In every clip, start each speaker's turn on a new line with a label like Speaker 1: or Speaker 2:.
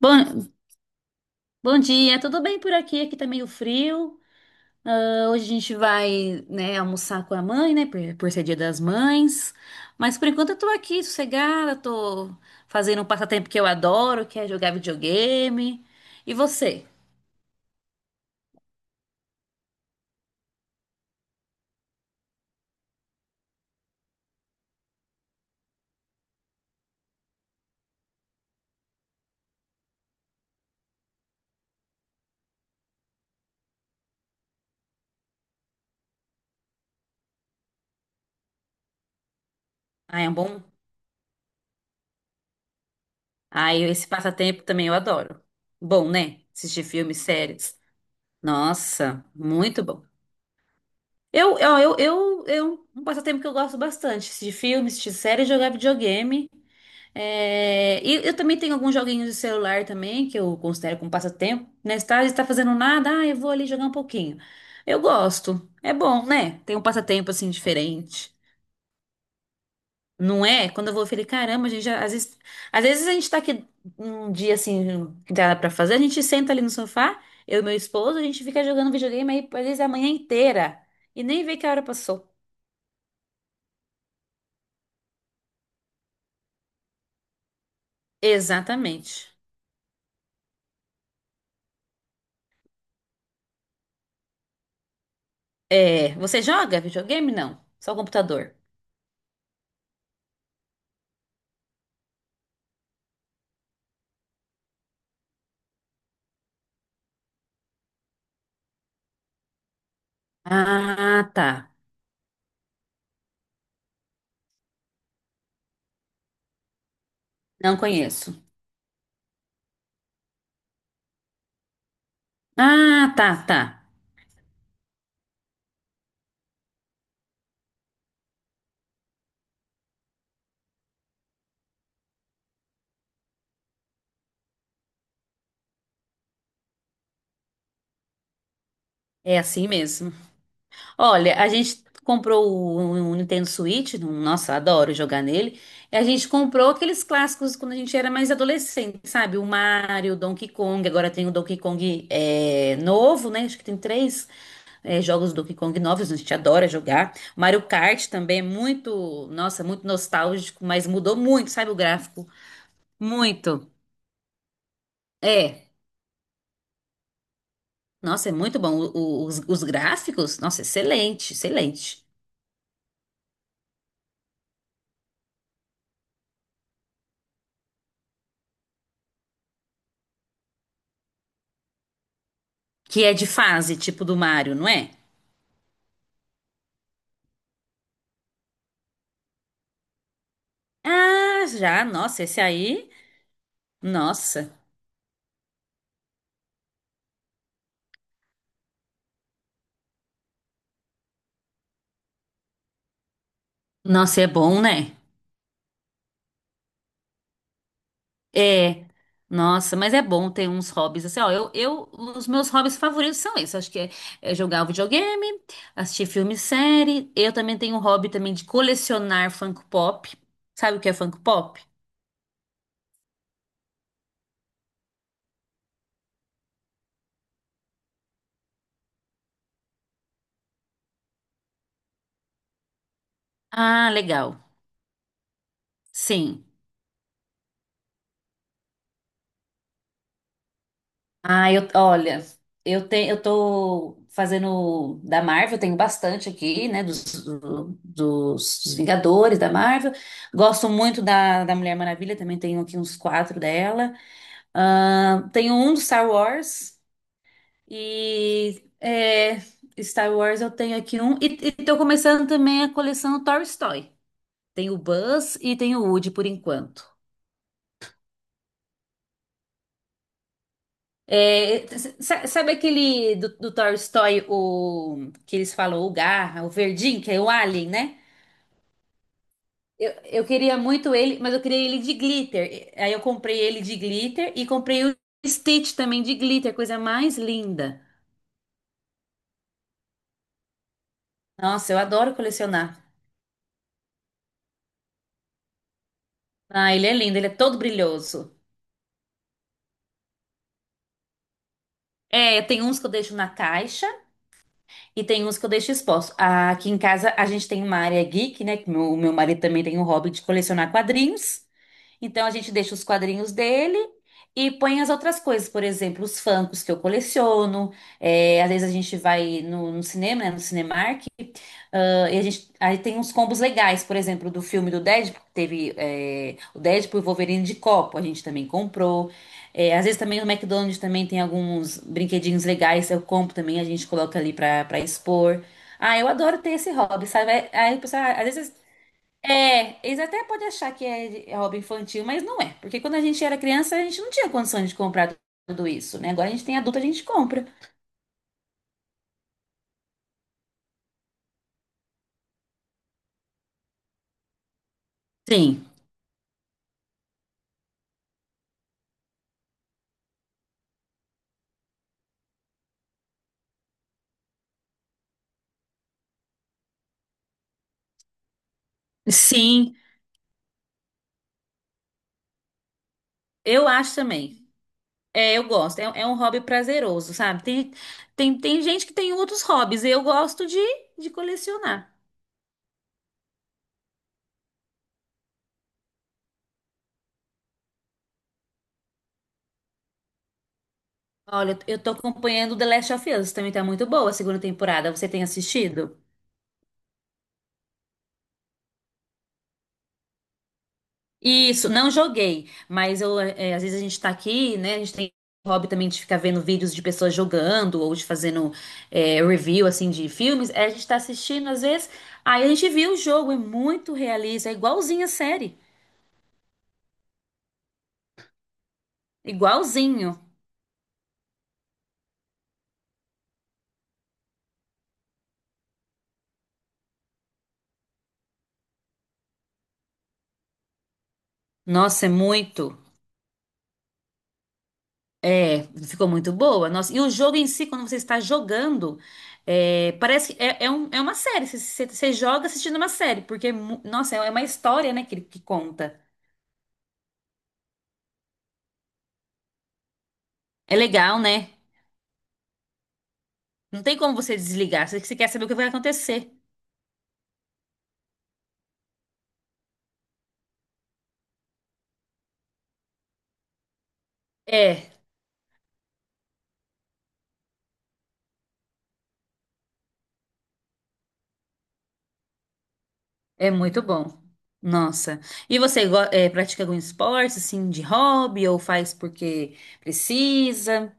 Speaker 1: Bom, bom dia, tudo bem por aqui? Aqui tá meio frio. Ah, hoje a gente vai, né, almoçar com a mãe, né, por ser Dia das Mães. Mas por enquanto eu tô aqui sossegada, tô fazendo um passatempo que eu adoro, que é jogar videogame. E você? Ah, é um bom? Ah, esse passatempo também eu adoro. Bom, né? Assistir filmes, séries. Nossa, muito bom. Um passatempo que eu gosto bastante, assistir filmes, assistir séries, jogar videogame. É, e eu também tenho alguns joguinhos de celular também, que eu considero como passatempo. Né? Se tá fazendo nada, ah, eu vou ali jogar um pouquinho. Eu gosto. É bom, né? Tem um passatempo assim diferente. Não é? Quando eu vou, eu falei, caramba, a gente já, às vezes a gente tá aqui um dia assim, que dá pra fazer, a gente senta ali no sofá, eu e meu esposo, a gente fica jogando videogame aí, às vezes a manhã inteira. E nem vê que a hora passou. Exatamente. É, você joga videogame? Não, só o computador. Ah, tá. Não conheço. Ah, tá, tá. É assim mesmo. Olha, a gente comprou o Nintendo Switch, nossa, adoro jogar nele. E a gente comprou aqueles clássicos quando a gente era mais adolescente, sabe? O Mario, o Donkey Kong. Agora tem o Donkey Kong novo, né? Acho que tem três jogos do Donkey Kong novos, a gente adora jogar. Mario Kart também é muito, nossa, muito nostálgico, mas mudou muito, sabe? O gráfico. Muito. É. Nossa, é muito bom. Os gráficos, nossa, excelente, excelente. Que é de fase, tipo do Mario, não é? Ah, já, nossa, esse aí, nossa. Nossa, é bom, né? É. Nossa, mas é bom ter uns hobbies assim, ó, eu, os meus hobbies favoritos são esses, acho que é jogar o videogame, assistir filme e série, eu também tenho um hobby também de colecionar Funko Pop, sabe o que é Funko Pop? Ah, legal, sim. Ah, eu, olha, eu tenho, eu tô fazendo da Marvel, tenho bastante aqui, né, dos Vingadores da Marvel. Gosto muito da Mulher Maravilha, também tenho aqui uns quatro dela. Ah, tenho um do Star Wars e Star Wars eu tenho aqui um. E tô começando também a coleção Toy Story. Tem o Buzz e tem o Woody por enquanto. É, sabe aquele do Toy Story, o, que eles falam, o Garra, o Verdinho, que é o Alien, né? Eu queria muito ele, mas eu queria ele de glitter. Aí eu comprei ele de glitter e comprei o Stitch também de glitter, coisa mais linda. Nossa, eu adoro colecionar. Ah, ele é lindo, ele é todo brilhoso. É, tem uns que eu deixo na caixa e tem uns que eu deixo exposto. Ah, aqui em casa a gente tem uma área geek, né? Que meu marido também tem um hobby de colecionar quadrinhos. Então a gente deixa os quadrinhos dele e põe as outras coisas, por exemplo, os Funkos que eu coleciono. É, às vezes a gente vai no cinema, né, no Cinemark, ah, e a gente, aí tem uns combos legais, por exemplo, do filme do Deadpool, que teve o Deadpool e o Wolverine de copo, a gente também comprou. É, às vezes também no McDonald's também tem alguns brinquedinhos legais, eu compro também, a gente coloca ali pra expor. Ah, eu adoro ter esse hobby, sabe? Aí, o pessoal, às vezes eles até podem achar que é hobby infantil, mas não é. Porque quando a gente era criança, a gente não tinha condições de comprar tudo isso, né? Agora a gente tem adulto, a gente compra. Sim, sim, eu acho também. É, eu gosto. É um hobby prazeroso, sabe? Tem gente que tem outros hobbies. Eu gosto de colecionar. Olha, eu tô acompanhando The Last of Us, também tá muito boa a segunda temporada. Você tem assistido? Isso, não joguei, mas eu, às vezes a gente tá aqui, né? A gente tem o hobby também de ficar vendo vídeos de pessoas jogando ou de fazendo review, assim, de filmes. Aí a gente tá assistindo, às vezes, aí a gente viu o jogo, é muito realista, é igualzinho a série, igualzinho. Nossa, ficou muito boa. Nossa, e o jogo em si, quando você está jogando, parece que é uma série, você joga assistindo uma série, porque, nossa, é uma história, né, que conta. É legal, né? Não tem como você desligar. Você quer saber o que vai acontecer. É, é muito bom. Nossa. E você pratica algum esporte, assim, de hobby, ou faz porque precisa?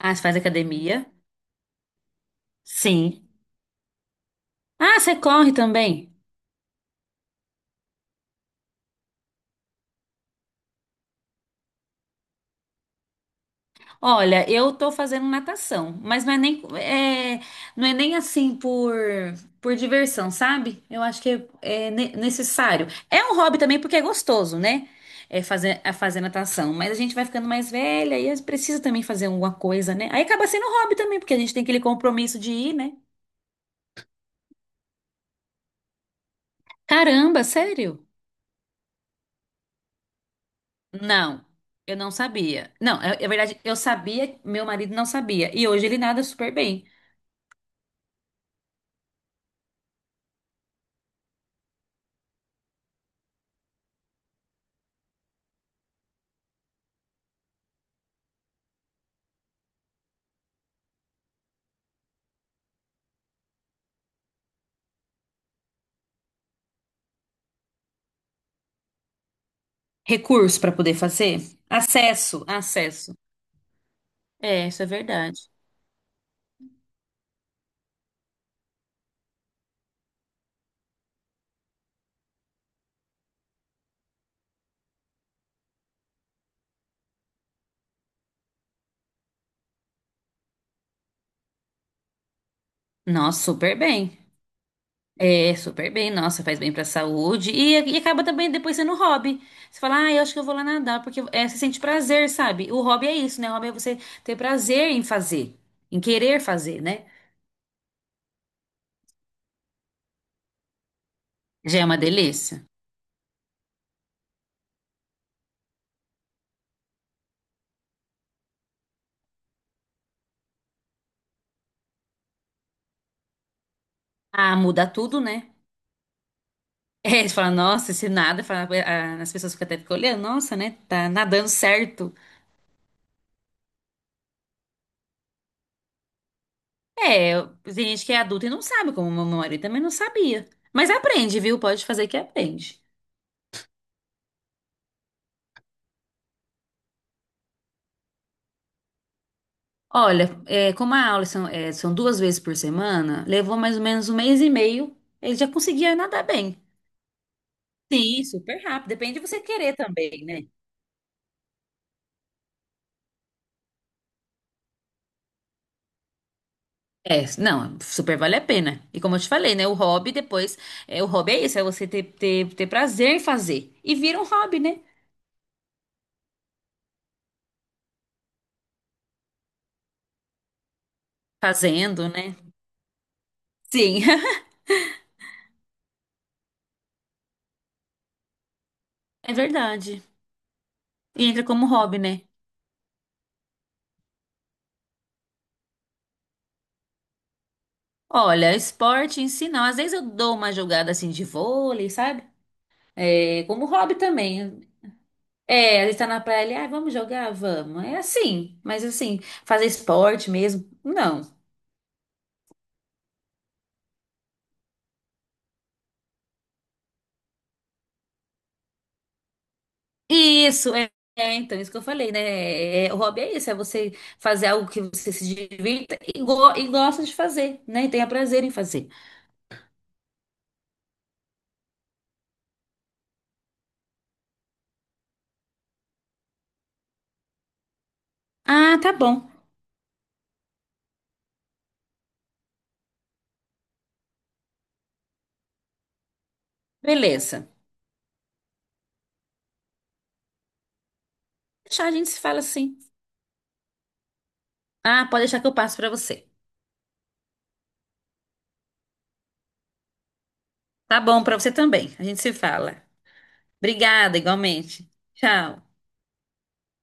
Speaker 1: Ah, você faz academia? Sim. Ah, você corre também? Olha, eu tô fazendo natação, mas não é nem, não é nem assim por diversão, sabe? Eu acho que é necessário. É um hobby também porque é gostoso, né? É fazer, a fazer natação, mas a gente vai ficando mais velha e precisa também fazer alguma coisa, né? Aí acaba sendo um hobby também, porque a gente tem aquele compromisso de ir, né? Caramba, sério? Não, eu não sabia. Não, é verdade, eu sabia, meu marido não sabia. E hoje ele nada super bem. Recurso para poder fazer? Acesso, acesso. É, isso é verdade. Nossa, super bem. É, super bem. Nossa, faz bem pra saúde. E acaba também depois sendo um hobby. Você fala, ah, eu acho que eu vou lá nadar, porque você sente prazer, sabe? O hobby é isso, né? O hobby é você ter prazer em fazer, em querer fazer, né? Já é uma delícia. Ah, muda tudo, né? É, você fala, nossa, esse nada, fala, ah, as pessoas ficam até ficam olhando, nossa, né? Tá nadando certo. É, tem gente que é adulta e não sabe, como meu marido também não sabia. Mas aprende, viu? Pode fazer que aprende. Olha, como a aula são duas vezes por semana, levou mais ou menos um mês e meio, ele já conseguia nadar bem. Sim, super rápido. Depende de você querer também, né? É, não, super vale a pena. E como eu te falei, né? O hobby depois, o hobby é isso, é você ter prazer em fazer. E vira um hobby, né? Fazendo, né? Sim. É verdade. E entra como hobby, né? Olha, esporte em si não. Às vezes eu dou uma jogada assim de vôlei, sabe? É, como hobby também. É, a gente tá na praia ali, ah, vamos jogar? Vamos. É assim, mas assim, fazer esporte mesmo? Não. Isso, então, isso que eu falei, né? O hobby é isso, é você fazer algo que você se divirta e gosta de fazer, né? E tenha prazer em fazer. Ah, tá bom. Beleza. Deixa, a gente se fala assim. Ah, pode deixar que eu passo pra você. Tá bom, pra você também. A gente se fala. Obrigada, igualmente. Tchau.